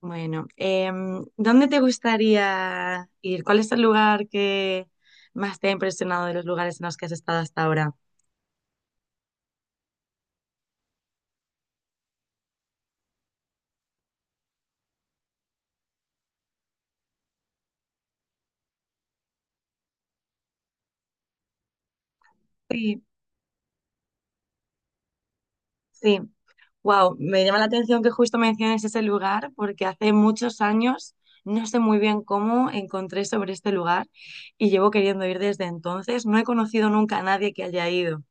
Bueno, ¿dónde te gustaría ir? ¿Cuál es el lugar que más te ha impresionado de los lugares en los que has estado hasta ahora? Sí, sí. Wow, me llama la atención que justo menciones ese lugar porque hace muchos años, no sé muy bien cómo, encontré sobre este lugar y llevo queriendo ir desde entonces. No he conocido nunca a nadie que haya ido.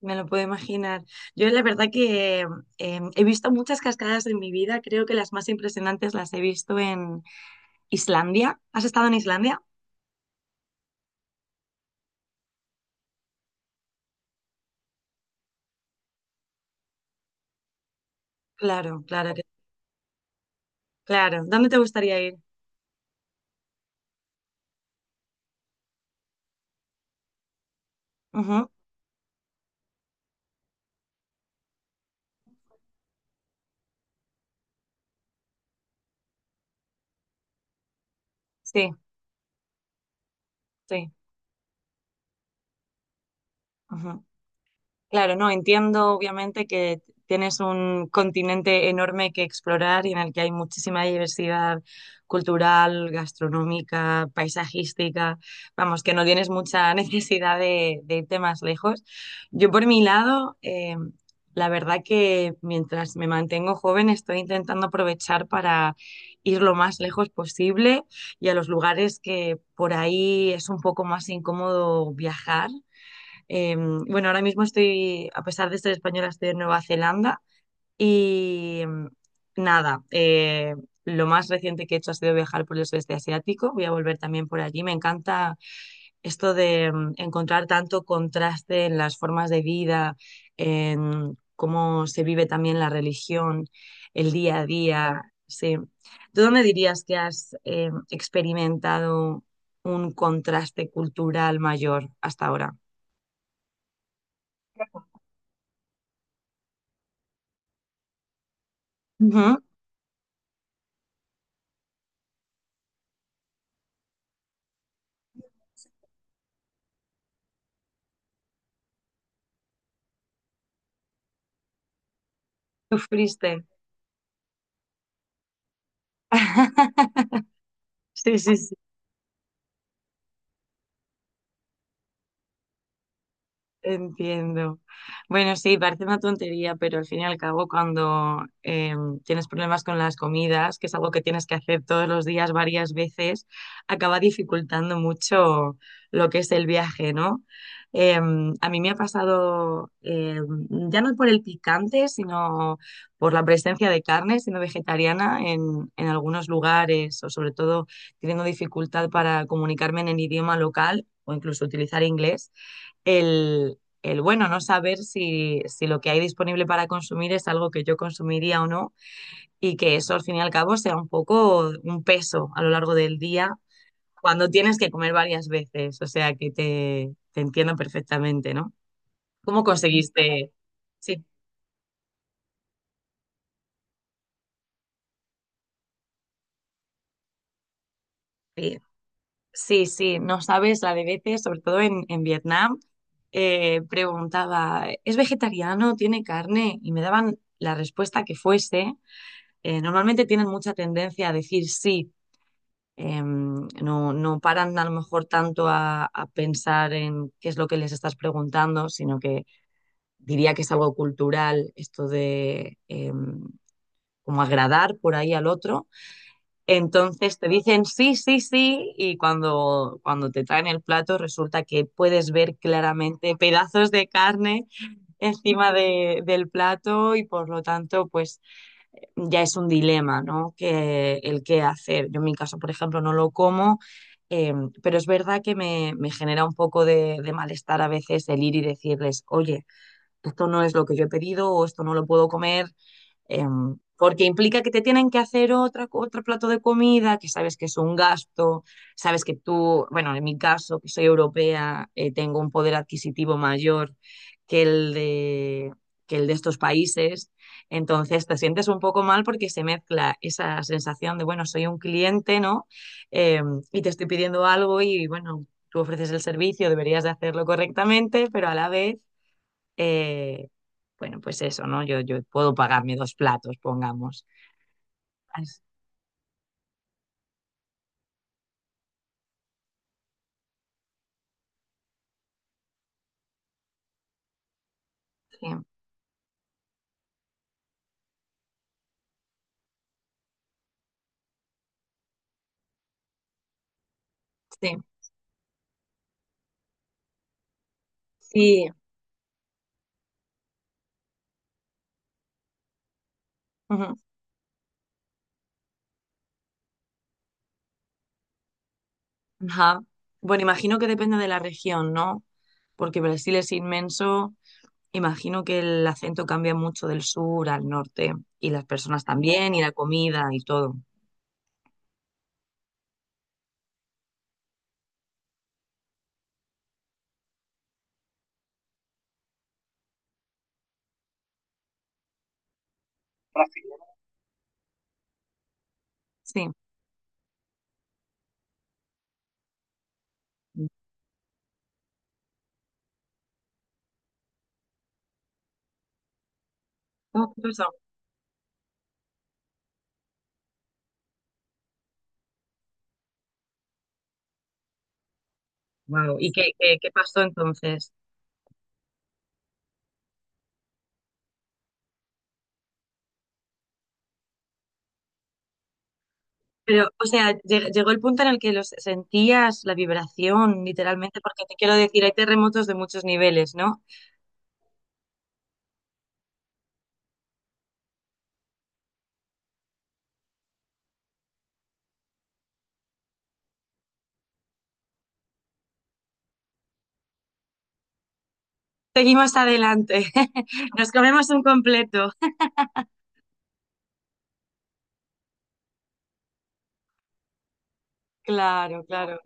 Me lo puedo imaginar. Yo la verdad que he visto muchas cascadas en mi vida, creo que las más impresionantes las he visto ¿Islandia? ¿Has estado en Islandia? Claro, claro, claro. ¿Dónde te gustaría ir? Ujú. Sí, sí. Ujú. Claro, no, entiendo obviamente que tienes un continente enorme que explorar y en el que hay muchísima diversidad cultural, gastronómica, paisajística, vamos, que no tienes mucha necesidad de irte más lejos. Yo por mi lado, la verdad que mientras me mantengo joven estoy intentando aprovechar para ir lo más lejos posible y a los lugares que por ahí es un poco más incómodo viajar. Bueno, ahora mismo estoy, a pesar de ser española, estoy en Nueva Zelanda y nada, lo más reciente que he hecho ha sido viajar por el sudeste asiático. Voy a volver también por allí. Me encanta esto de encontrar tanto contraste en las formas de vida, en cómo se vive también la religión, el día a día. Sí. ¿Tú dónde dirías que has experimentado un contraste cultural mayor hasta ahora? Sufriste. Sí, sí, sí. Entiendo. Bueno, sí, parece una tontería, pero al fin y al cabo, cuando tienes problemas con las comidas, que es algo que tienes que hacer todos los días varias veces, acaba dificultando mucho lo que es el viaje, ¿no? A mí me ha pasado, ya no por el picante, sino por la presencia de carne, siendo vegetariana, en algunos lugares, o sobre todo teniendo dificultad para comunicarme en el idioma local o incluso utilizar inglés el, bueno, no saber si, si lo que hay disponible para consumir es algo que yo consumiría o no y que eso al fin y al cabo sea un poco un peso a lo largo del día cuando tienes que comer varias veces. O sea que te entiendo perfectamente, ¿no? ¿Cómo conseguiste? Sí, sí, sí, sí, no sabes la de veces, sobre todo en Vietnam. Preguntaba, ¿es vegetariano? ¿Tiene carne? Y me daban la respuesta que fuese. Normalmente tienen mucha tendencia a decir sí, no, no paran a lo mejor tanto a pensar en qué es lo que les estás preguntando, sino que diría que es algo cultural esto de como agradar por ahí al otro. Entonces te dicen sí, sí, sí, y cuando, cuando te traen el plato resulta que puedes ver claramente pedazos de carne encima del plato y por lo tanto, pues ya es un dilema, ¿no? Que el qué hacer. Yo en mi caso, por ejemplo, no lo como, eh, pero es verdad que me genera un poco de malestar a veces el ir y decirles, oye, esto no es lo que yo he pedido o esto no lo puedo comer. Porque implica que te tienen que hacer otra, otro plato de comida, que sabes que es un gasto, sabes que tú, bueno, en mi caso, que soy europea, tengo un poder adquisitivo mayor que el de, que el de estos países, entonces te sientes un poco mal porque se mezcla esa sensación de, bueno, soy un cliente, ¿no? Y te estoy pidiendo algo y, bueno, tú ofreces el servicio, deberías de hacerlo correctamente, pero a la vez, eh, bueno, pues eso, ¿no? Yo puedo pagarme dos platos, pongamos. Así, sí. Sí. Ujú. Ajá. Bueno, imagino que depende de la región, ¿no? Porque Brasil es inmenso. Imagino que el acento cambia mucho del sur al norte y las personas también y la comida y todo. Sí. Wow. ¿Y qué, qué, qué pasó entonces? Pero, o sea, llegó el punto en el que los sentías la vibración, literalmente, porque te quiero decir, hay terremotos de muchos niveles, ¿no? Seguimos adelante. Nos comemos un completo. Claro, claro,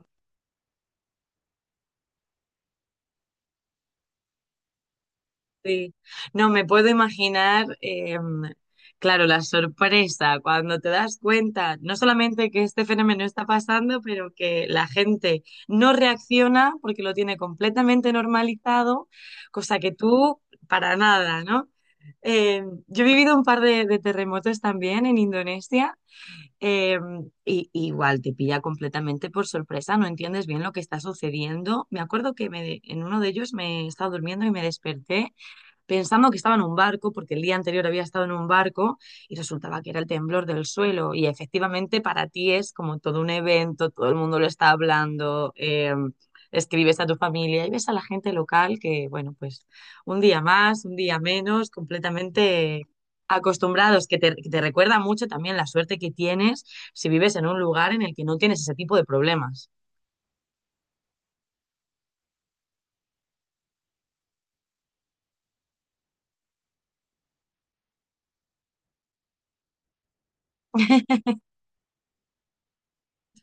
sí. No, me puedo imaginar, claro, la sorpresa cuando te das cuenta, no solamente que este fenómeno está pasando, pero que la gente no reacciona porque lo tiene completamente normalizado, cosa que tú para nada, ¿no? Yo he vivido un par de terremotos también en Indonesia, eh, y igual te pilla completamente por sorpresa, no entiendes bien lo que está sucediendo. Me acuerdo que en uno de ellos me estaba durmiendo y me desperté pensando que estaba en un barco, porque el día anterior había estado en un barco y resultaba que era el temblor del suelo. Y efectivamente para ti es como todo un evento, todo el mundo lo está hablando, escribes a tu familia y ves a la gente local que, bueno, pues un día más, un día menos, completamente acostumbrados, que te recuerda mucho también la suerte que tienes si vives en un lugar en el que no tienes ese tipo de problemas.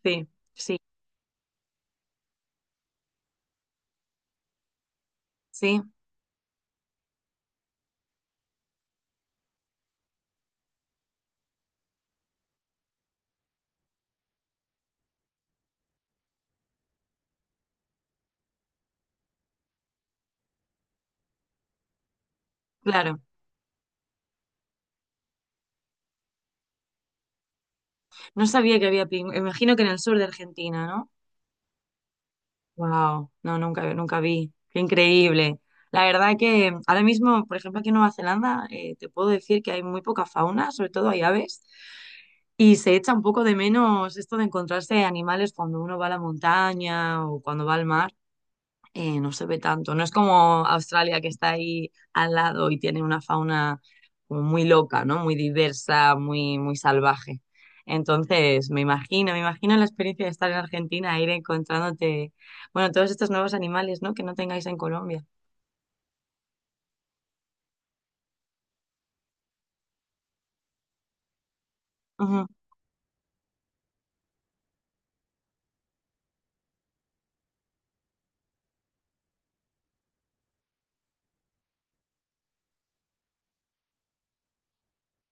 Sí, sí, sí, claro. No sabía que había pingüinos. Imagino que en el sur de Argentina, ¿no? Wow, no, nunca, nunca vi. Qué increíble. La verdad que ahora mismo, por ejemplo, aquí en Nueva Zelanda, te puedo decir que hay muy poca fauna, sobre todo hay aves, y se echa un poco de menos esto de encontrarse animales cuando uno va a la montaña o cuando va al mar, no se ve tanto. No es como Australia que está ahí al lado y tiene una fauna como muy loca, ¿no? Muy diversa, muy, muy salvaje. Entonces, me imagino la experiencia de estar en Argentina, ir encontrándote, bueno, todos estos nuevos animales, ¿no? Que no tengáis en Colombia. Ujú,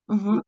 ujú.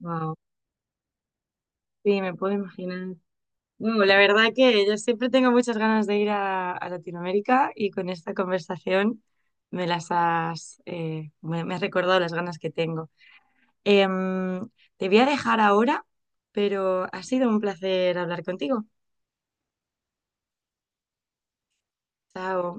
Wow. Sí, me puedo imaginar. Bueno, la verdad que yo siempre tengo muchas ganas de ir a Latinoamérica y con esta conversación me las has, me me has recordado las ganas que tengo. Em, Te voy a dejar ahora, pero ha sido un placer hablar contigo. Chao.